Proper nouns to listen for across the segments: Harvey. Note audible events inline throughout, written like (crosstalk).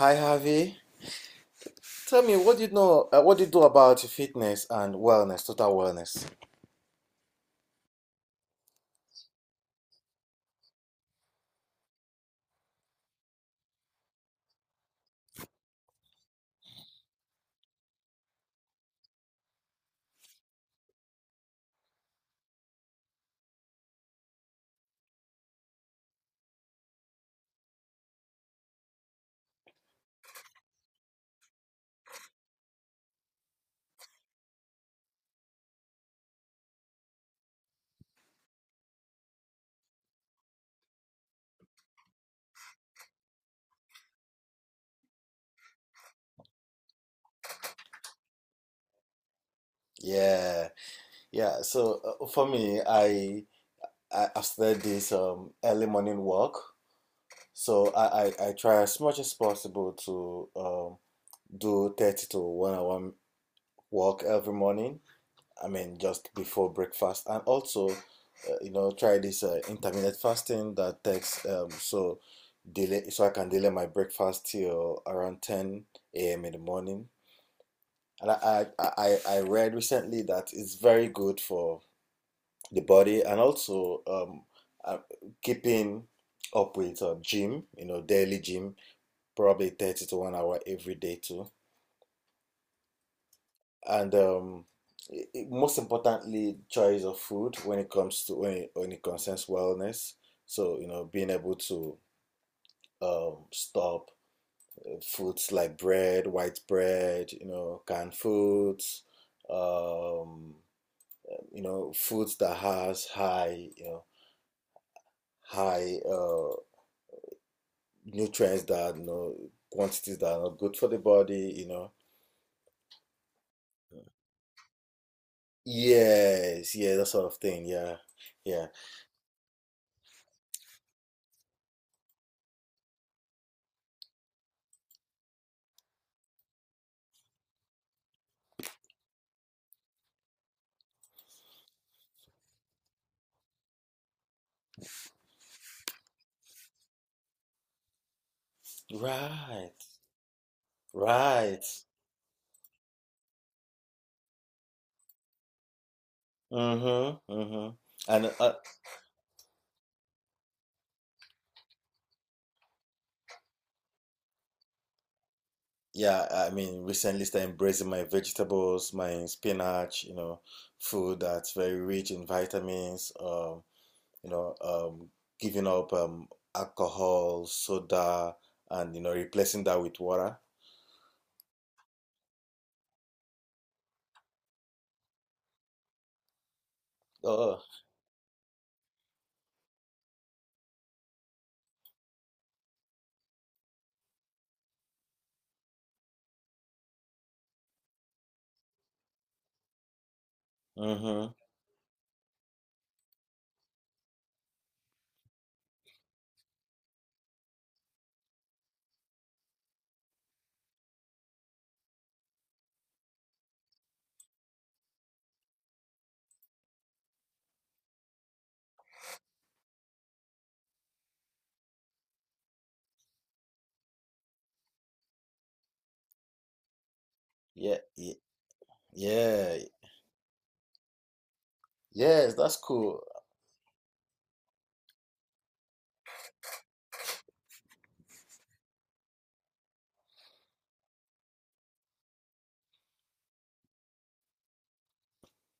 Hi, Harvey. Tell me, what do you know? What do you do about fitness and wellness, total wellness? Yeah, yeah. So for me, I've started this early morning walk. So I try as much as possible to do 30 to 1 hour walk every morning. I mean, just before breakfast, and also, try this intermittent fasting that takes so delay, so I can delay my breakfast till around 10 a.m. in the morning. And I read recently that it's very good for the body and also uh, keeping up with gym, daily gym, probably 30 to 1 hour every day too. And most importantly, choice of food when it comes to when it concerns wellness. So being able to stop foods like bread, white bread, canned foods, um, foods that has high, nutrients that quantities that are not good for the body. Yes, yeah, that sort of thing. Yeah, yeah, right. Right. Mm-hmm. Mm-hmm. And yeah, I mean, recently started embracing my vegetables, my spinach, food that's very rich in vitamins, you know, um, giving up alcohol, soda, and, replacing that with water. Oh, mm-hmm. Yeah, yeah, yes, that's cool.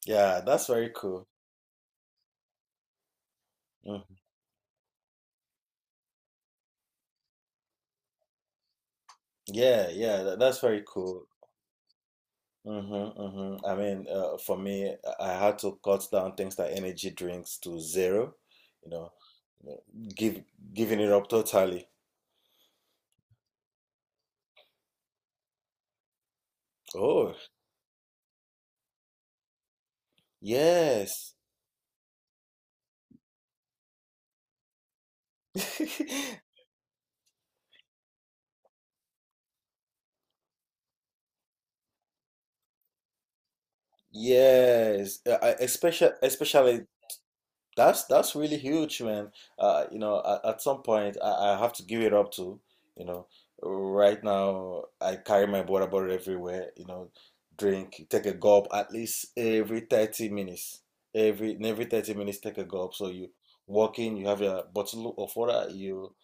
Yeah, that's very cool. Mhm. Yeah, yeah, that's very cool. Mm-hmm, mm-hmm. I mean, for me, I had to cut down things like energy drinks to zero, you know, you know, give giving it up totally. Oh, yes. (laughs) Yes, I- especially especially that's really huge, man. At some point, I have to give it up to, you know, right now, I carry my water bottle everywhere. Drink, take a gulp at least every 30 minutes. Every 30 minutes, take a gulp. So you walking, you have a bottle of water. You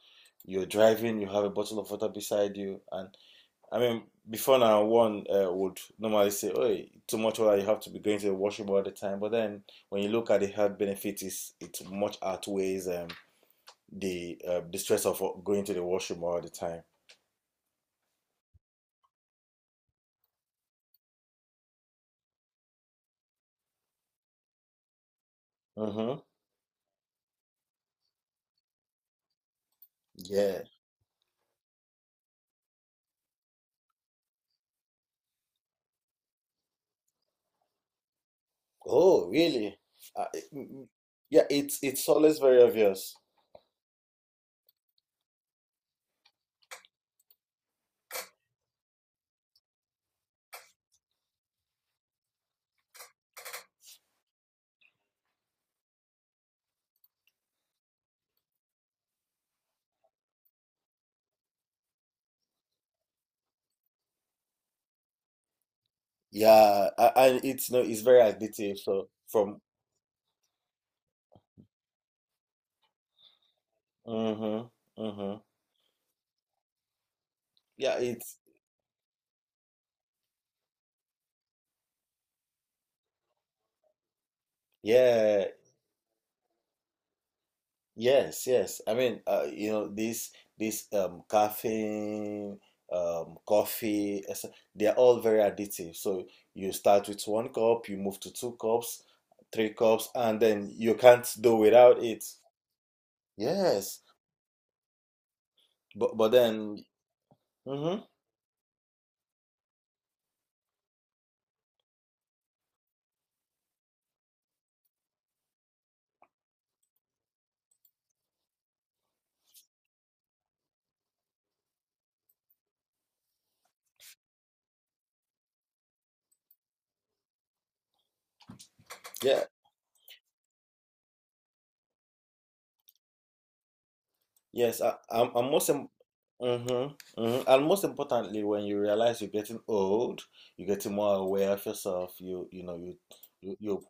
you're driving, you have a bottle of water beside you. And I mean, before now, one would normally say, "Oh, too much water. You have to be going to the washroom all the time." But then, when you look at the health benefits, it much outweighs the stress of going to the washroom all the time. Mm-hmm. Yeah. Oh, really? Uh, it- mm, yeah. It's always very obvious. Yeah, and it's no, it's very addictive. So from. Mm-hmm. Mm-hmm. Yeah. It's yeah. Yes, yes. I mean, this caffeine, coffee, et cetera, they are all very addictive. So you start with 1 cup, you move to 2 cups, 3 cups, and then you can't do without it. Yes. But then, mm-hmm, yeah, yes. I, I'm most im- Mm-hmm, mm-hmm. And most importantly, when you realize you're getting old, you're getting more aware of yourself. You, you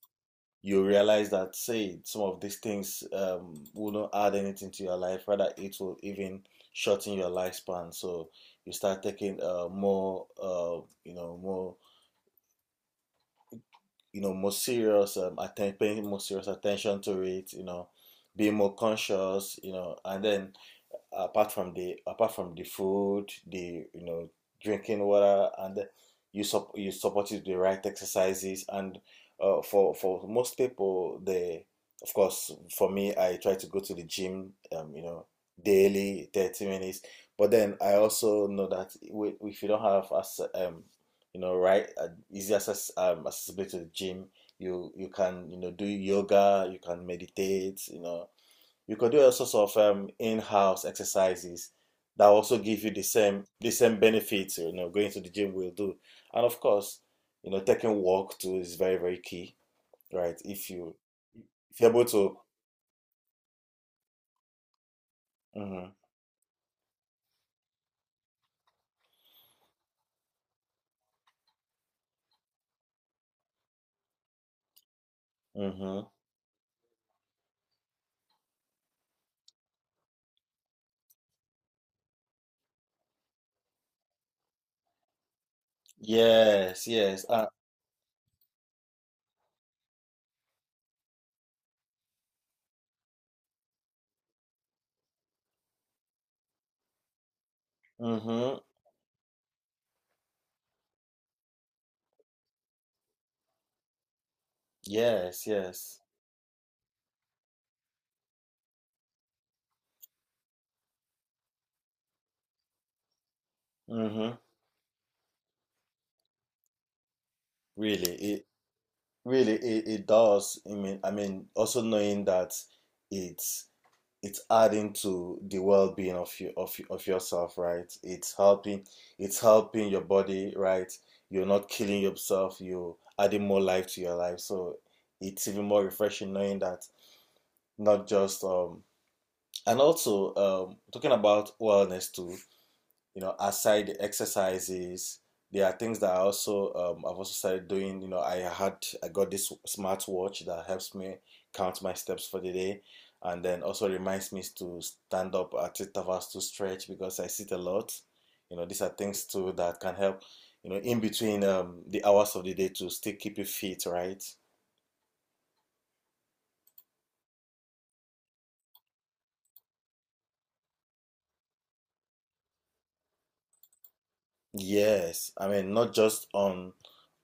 you realize that say some of these things will not add anything to your life, rather it will even shorten your lifespan. So you start taking more you know more more serious paying more serious attention to it, being more conscious, and then apart from the food, the you know drinking water. And you support it with the right exercises. And for most people, they, of course, for me, I try to go to the gym, daily, 30 minutes. But then I also know that if you don't have as you know right easy access accessibility to the gym, you can do yoga, you can meditate. You could do all sorts of in-house exercises that also give you the same benefits. Going to the gym will do. And of course, taking walk too is very, very key, right? If you're able to. Mm-hmm, mm-hmm, yes, yes, mm-hmm, yes, yes, mm-hmm. Really, it does. I mean, also knowing that it's it's adding to the well-being of you, of yourself, right? It's helping your body, right? You're not killing yourself, you're adding more life to your life. So it's even more refreshing knowing that, not just and also talking about wellness too. Aside the exercises, there are things that I also, I've also started doing. I got this smartwatch that helps me count my steps for the day, and then also reminds me to stand up at intervals to stretch because I sit a lot. These are things too that can help. In between the hours of the day to still keep you fit, right? Yes, I mean, not just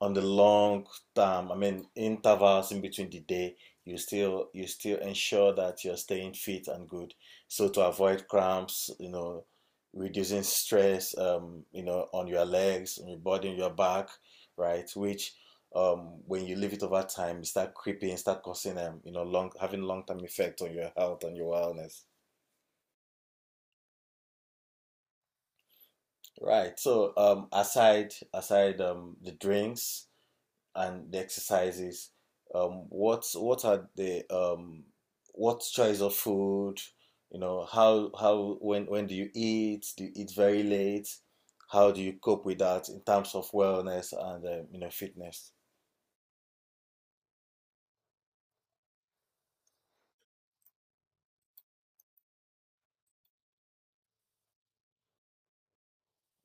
on the long term. I mean intervals in between the day, you still ensure that you're staying fit and good. So to avoid cramps, reducing stress, on your legs, on your body, on your back, right? Which, when you leave it over time, you start creeping, start causing, long term effect on your health and your wellness. Right. So aside the drinks and the exercises, what are the what choice of food? You know, how When do you eat? Do you eat very late? How do you cope with that in terms of wellness and fitness?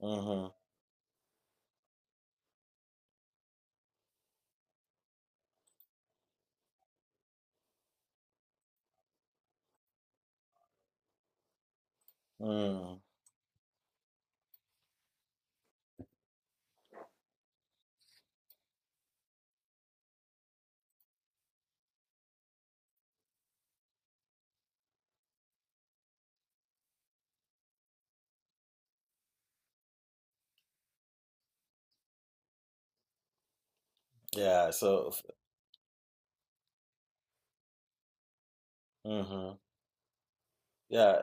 Mm-hmm. Mm. Yeah. So. Mm-hmm. Yeah.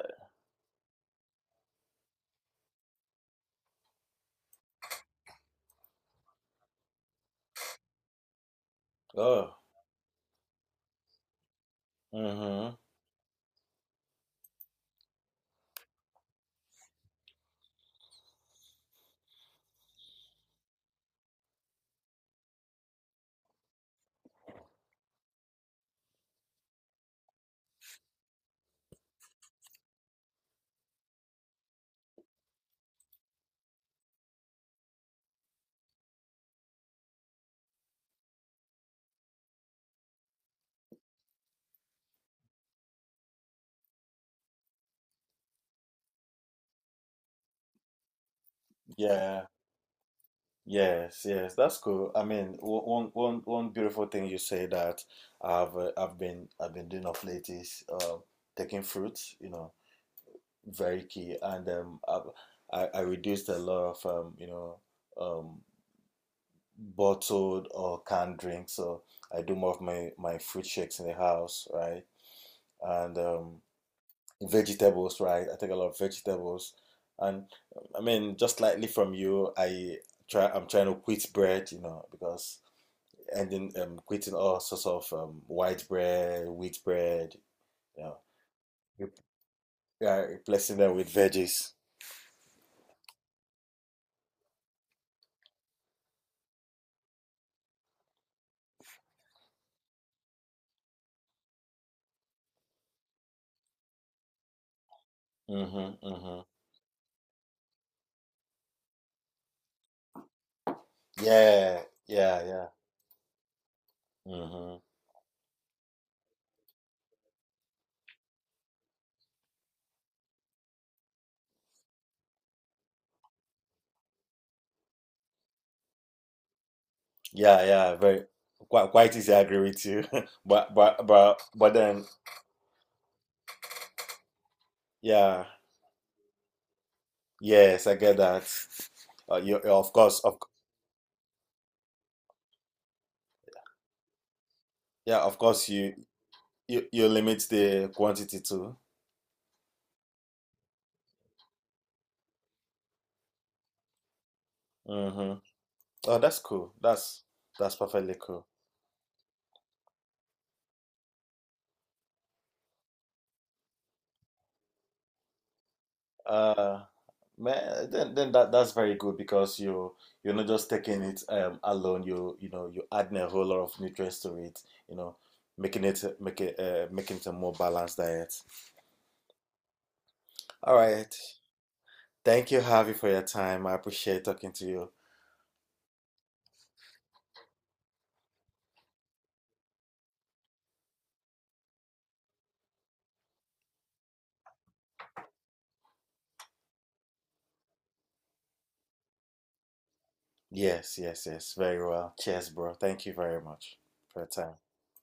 Oh. Mm-hmm. Yeah. Yes, yes, that's cool. I mean, one beautiful thing you say that I've, I've been doing of late is taking fruits. Very key. And I reduced a lot of um, bottled or canned drinks. So I do more of my fruit shakes in the house, right? And vegetables, right? I take a lot of vegetables. And I mean, just slightly from you, I try. I'm trying to quit bread, because. And then creating all sorts of white bread, wheat bread, you know, rep- yeah, replacing them with veggies. Mm-hmm, mm-hmm. Yeah, yeah, yeah. Mm-hmm. Yeah, yeah. Very, quite easy. I agree with you. (laughs) But then, yeah, yes, I get that. You, you- of course of c- Yeah, of course, you limit the quantity too. Mm-hmm. Oh, that's cool. That's perfectly cool. Uh, Man, then that's very good because you're not just taking it alone. You adding a whole lot of nutrients to it. You know, making it make it making it a more balanced diet. All right. Thank you, Harvey, for your time. I appreciate talking to you. Yes, yes, yes. Very well. Cheers, bro. Thank you very much for your time.